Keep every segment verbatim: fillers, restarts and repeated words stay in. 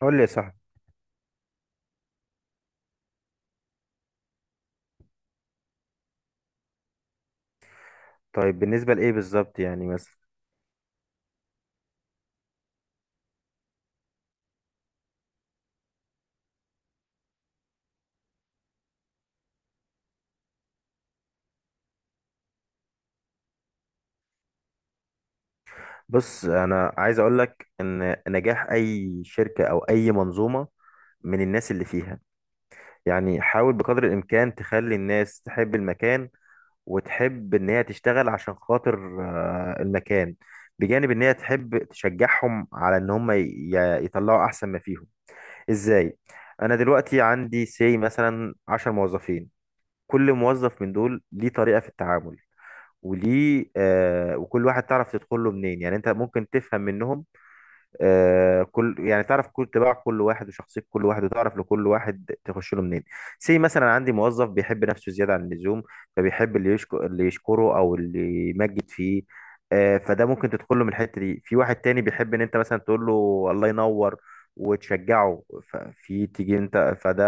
قول لي يا صاحبي. طيب بالنسبة لإيه بالظبط؟ يعني مثلا بص، أنا عايز أقول لك إن نجاح أي شركة أو أي منظومة من الناس اللي فيها. يعني حاول بقدر الإمكان تخلي الناس تحب المكان وتحب إن هي تشتغل عشان خاطر آه، المكان، بجانب إن هي تحب تشجعهم على إن هم ي- ي- يطلعوا أحسن ما فيهم. إزاي؟ أنا دلوقتي عندي سي مثلا عشر موظفين، كل موظف من دول ليه طريقة في التعامل، وليه آه، وكل واحد تعرف تدخل له منين. يعني انت ممكن تفهم منهم آه، كل يعني تعرف كل طباع كل واحد وشخصية كل واحد وتعرف لكل واحد تخش له منين. سي مثلا عندي موظف بيحب نفسه زيادة عن اللزوم، فبيحب اللي يشكر اللي يشكره او اللي يمجد فيه، آه، فده ممكن تدخل له من الحتة دي. في واحد تاني بيحب ان انت مثلا تقول له الله ينور وتشجعه، ففي تيجي انت فده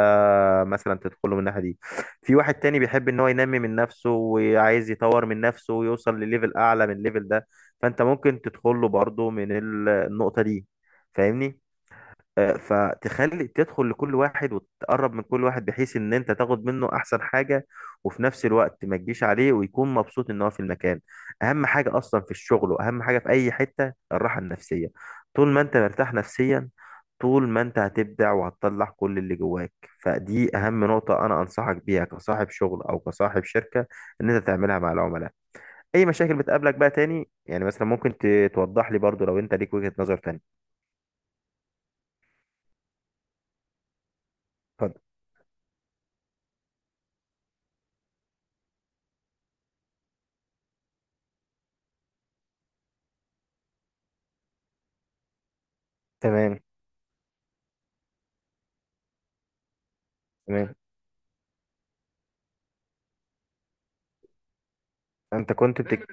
مثلا تدخله من الناحيه دي. في واحد تاني بيحب ان هو ينمي من نفسه وعايز يطور من نفسه ويوصل لليفل اعلى من الليفل ده، فانت ممكن تدخله برضه من ال- النقطه دي. فاهمني؟ آه، فتخلي تدخل لكل واحد وتقرب من كل واحد بحيث ان انت تاخد منه احسن حاجة، وفي نفس الوقت ما تجيش عليه ويكون مبسوط ان هو في المكان. اهم حاجة اصلا في الشغل واهم حاجة في اي حتة الراحة النفسية. طول ما انت مرتاح نفسيا، طول ما انت هتبدع وهتطلع كل اللي جواك. فدي اهم نقطة انا انصحك بيها كصاحب شغل او كصاحب شركة، ان انت تعملها مع العملاء. اي مشاكل بتقابلك بقى تاني يعني مثلا؟ ممكن ت- توضح لي برضو لو انت ليك وجهة نظر تانية. اتفضل. تمام. تمام. انت كنت بتك...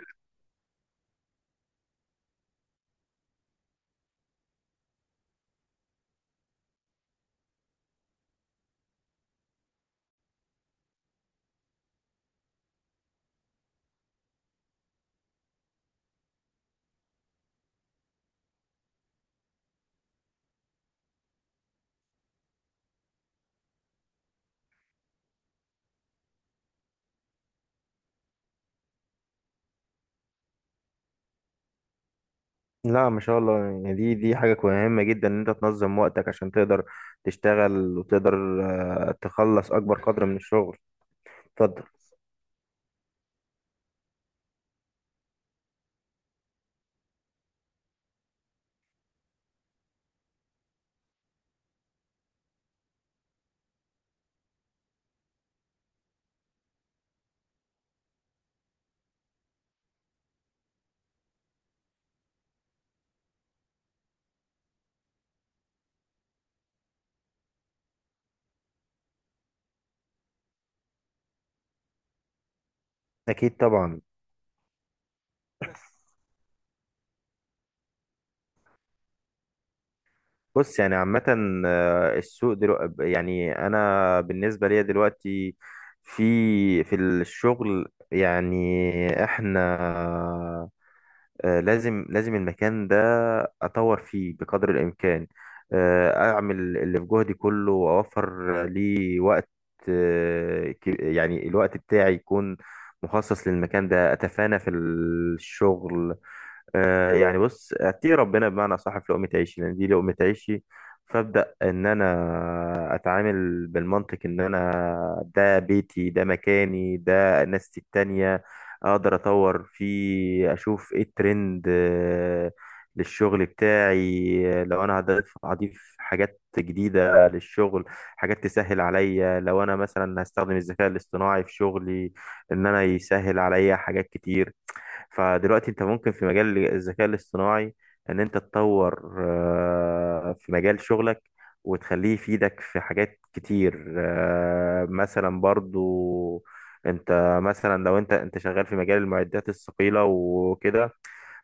لا، ما شاء الله، يعني دي دي حاجة مهمة جدا ان انت تنظم وقتك عشان تقدر تشتغل وتقدر آه، تخلص اكبر قدر من الشغل. اتفضل. اكيد طبعا. بص يعني عامة، آه، السوق دلوقتي، يعني انا بالنسبة ليا دلوقتي في في الشغل يعني احنا، آه، لازم لازم المكان ده أطور فيه بقدر الإمكان، آه، أعمل اللي في جهدي كله وأوفر لي وقت، آه، ك- يعني الوقت بتاعي يكون مخصص للمكان ده، أتفانى في الشغل. آه، يعني بص، اتقي ربنا بمعنى صح في لقمة عيشي لان دي لقمة عيشي. فابدا ان انا اتعامل بالمنطق ان انا ده بيتي، ده مكاني، ده ناس التانية، اقدر اطور فيه، اشوف ايه الترند آه، للشغل بتاعي. لو انا هضيف هضيف حاجات جديدة للشغل، حاجات تسهل عليا، لو انا مثلا هستخدم الذكاء الاصطناعي في شغلي، ان انا يسهل عليا حاجات كتير. فدلوقتي انت ممكن في مجال الذكاء الاصطناعي ان انت تطور آه، في مجال شغلك وتخليه يفيدك في حاجات كتير. آه، مثلا برضو انت مثلا لو انت انت شغال في مجال المعدات الثقيلة وكده،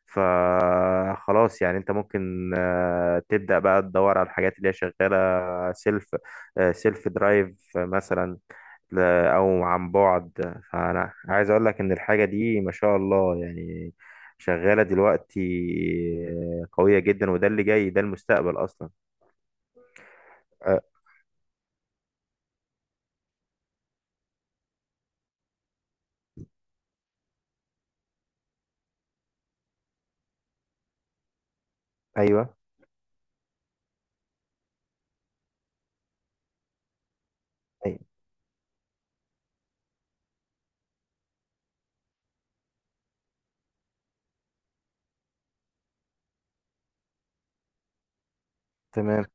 فخلاص يعني انت ممكن آه، تبدأ بقى تدور على الحاجات اللي هي شغالة سيلف، سيلف درايف مثلا، او عن بعد. فانا عايز اقول لك ان الحاجه دي ما شاء الله يعني شغاله دلوقتي، آه، قويه جدا، وده اللي جاي ده المستقبل اصلا. أه. ايوه. أي. تمام.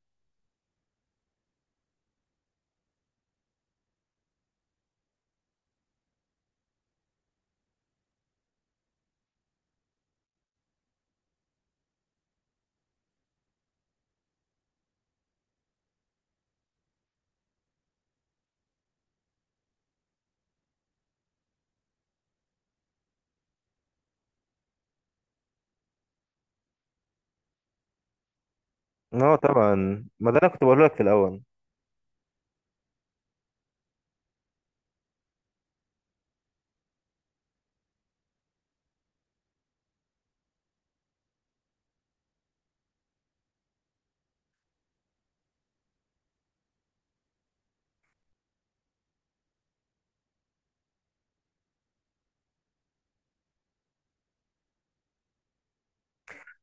اه طبعا، ما ده انا كنت بقول لك في الاول.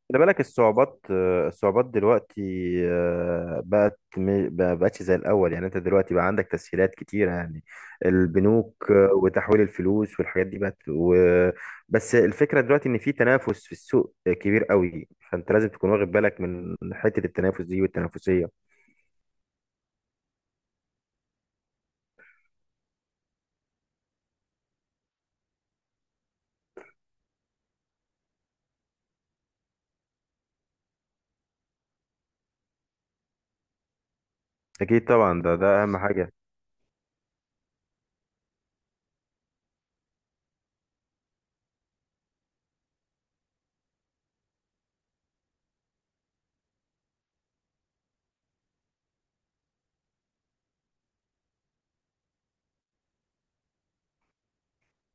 خلي بالك الصعوبات، آه، الصعوبات دلوقتي آه، بقت م- ما بقتش زي الأول. يعني أنت دلوقتي بقى عندك تسهيلات كتيرة، يعني البنوك، آه، وتحويل الفلوس والحاجات دي بقت و... بس الفكرة دلوقتي إن في تنافس في السوق كبير قوي، فأنت لازم تكون واخد بالك من حتة التنافس دي والتنافسية. أكيد طبعا، ده ده أهم حاجة.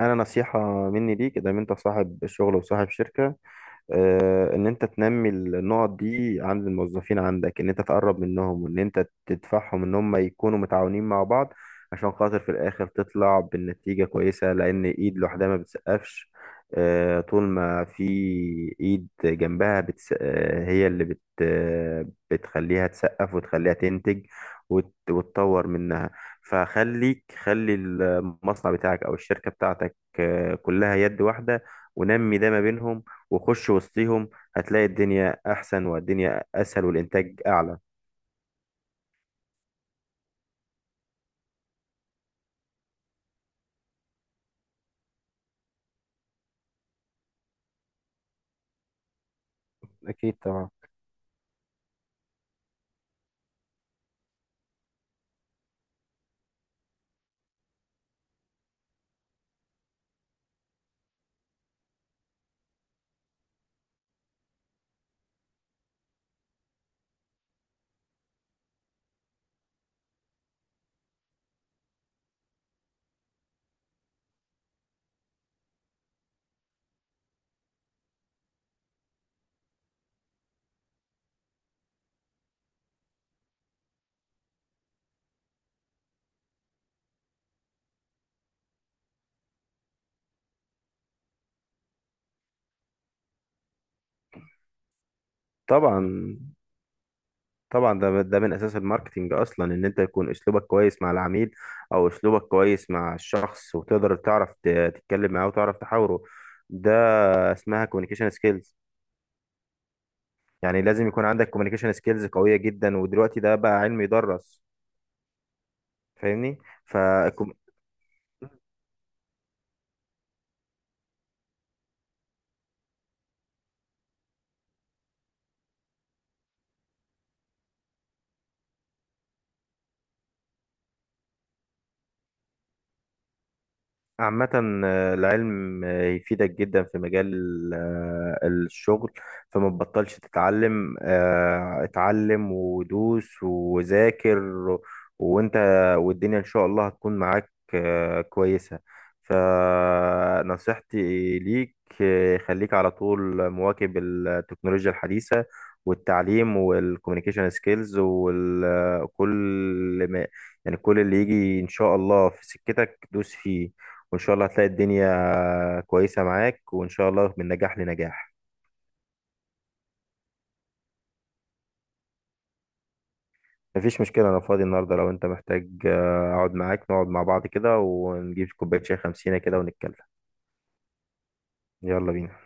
أنا نصيحة مني ليك، إذا ما أنت صاحب شغل وصاحب شركة، آه، ان انت تنمي النقط دي عند الموظفين عندك، ان انت تقرب منهم وان انت تدفعهم ان هم يكونوا متعاونين مع بعض عشان خاطر في الاخر تطلع بالنتيجة كويسة، لان ايد لوحدها ما بتسقفش. آه، طول ما في ايد جنبها بتس... آه، هي اللي بت... آه، بتخليها تسقف وتخليها تنتج وت... وتطور منها. فخليك، خلي المصنع بتاعك او الشركة بتاعتك آه، كلها يد واحدة، ونمي ده ما بينهم، وخش وسطيهم، هتلاقي الدنيا أحسن والدنيا أسهل والإنتاج أعلى. اكيد طبعا. طبعا طبعا، ده ده من اساس الماركتينج اصلا، ان انت يكون اسلوبك كويس مع العميل او اسلوبك كويس مع الشخص، وتقدر تعرف ت- تتكلم معاه وتعرف تحاوره. ده اسمها كوميونيكيشن سكيلز. يعني لازم يكون عندك كوميونيكيشن سكيلز قوية جدا، ودلوقتي ده بقى علم يدرس. فاهمني؟ ف عامة، آه، العلم آه، يفيدك جدا في مجال آه، الشغل. فما تبطلش تتعلم. آه، اتعلم ودوس وذاكر و- وانت والدنيا ان شاء الله هتكون معاك آه، كويسة. فنصيحتي ليك آه، خليك على طول مواكب التكنولوجيا الحديثة والتعليم والكوميونيكيشن سكيلز، وكل ما يعني كل اللي يجي ان شاء الله في سكتك دوس فيه، وان شاء الله هتلاقي الدنيا كويسة معاك، وان شاء الله من نجاح لنجاح. مفيش مشكلة، انا فاضي النهاردة. لو انت محتاج آه، اقعد معاك، نقعد مع بعض كده ونجيب كوباية شاي خمسينة كده ونتكلم. يلا بينا.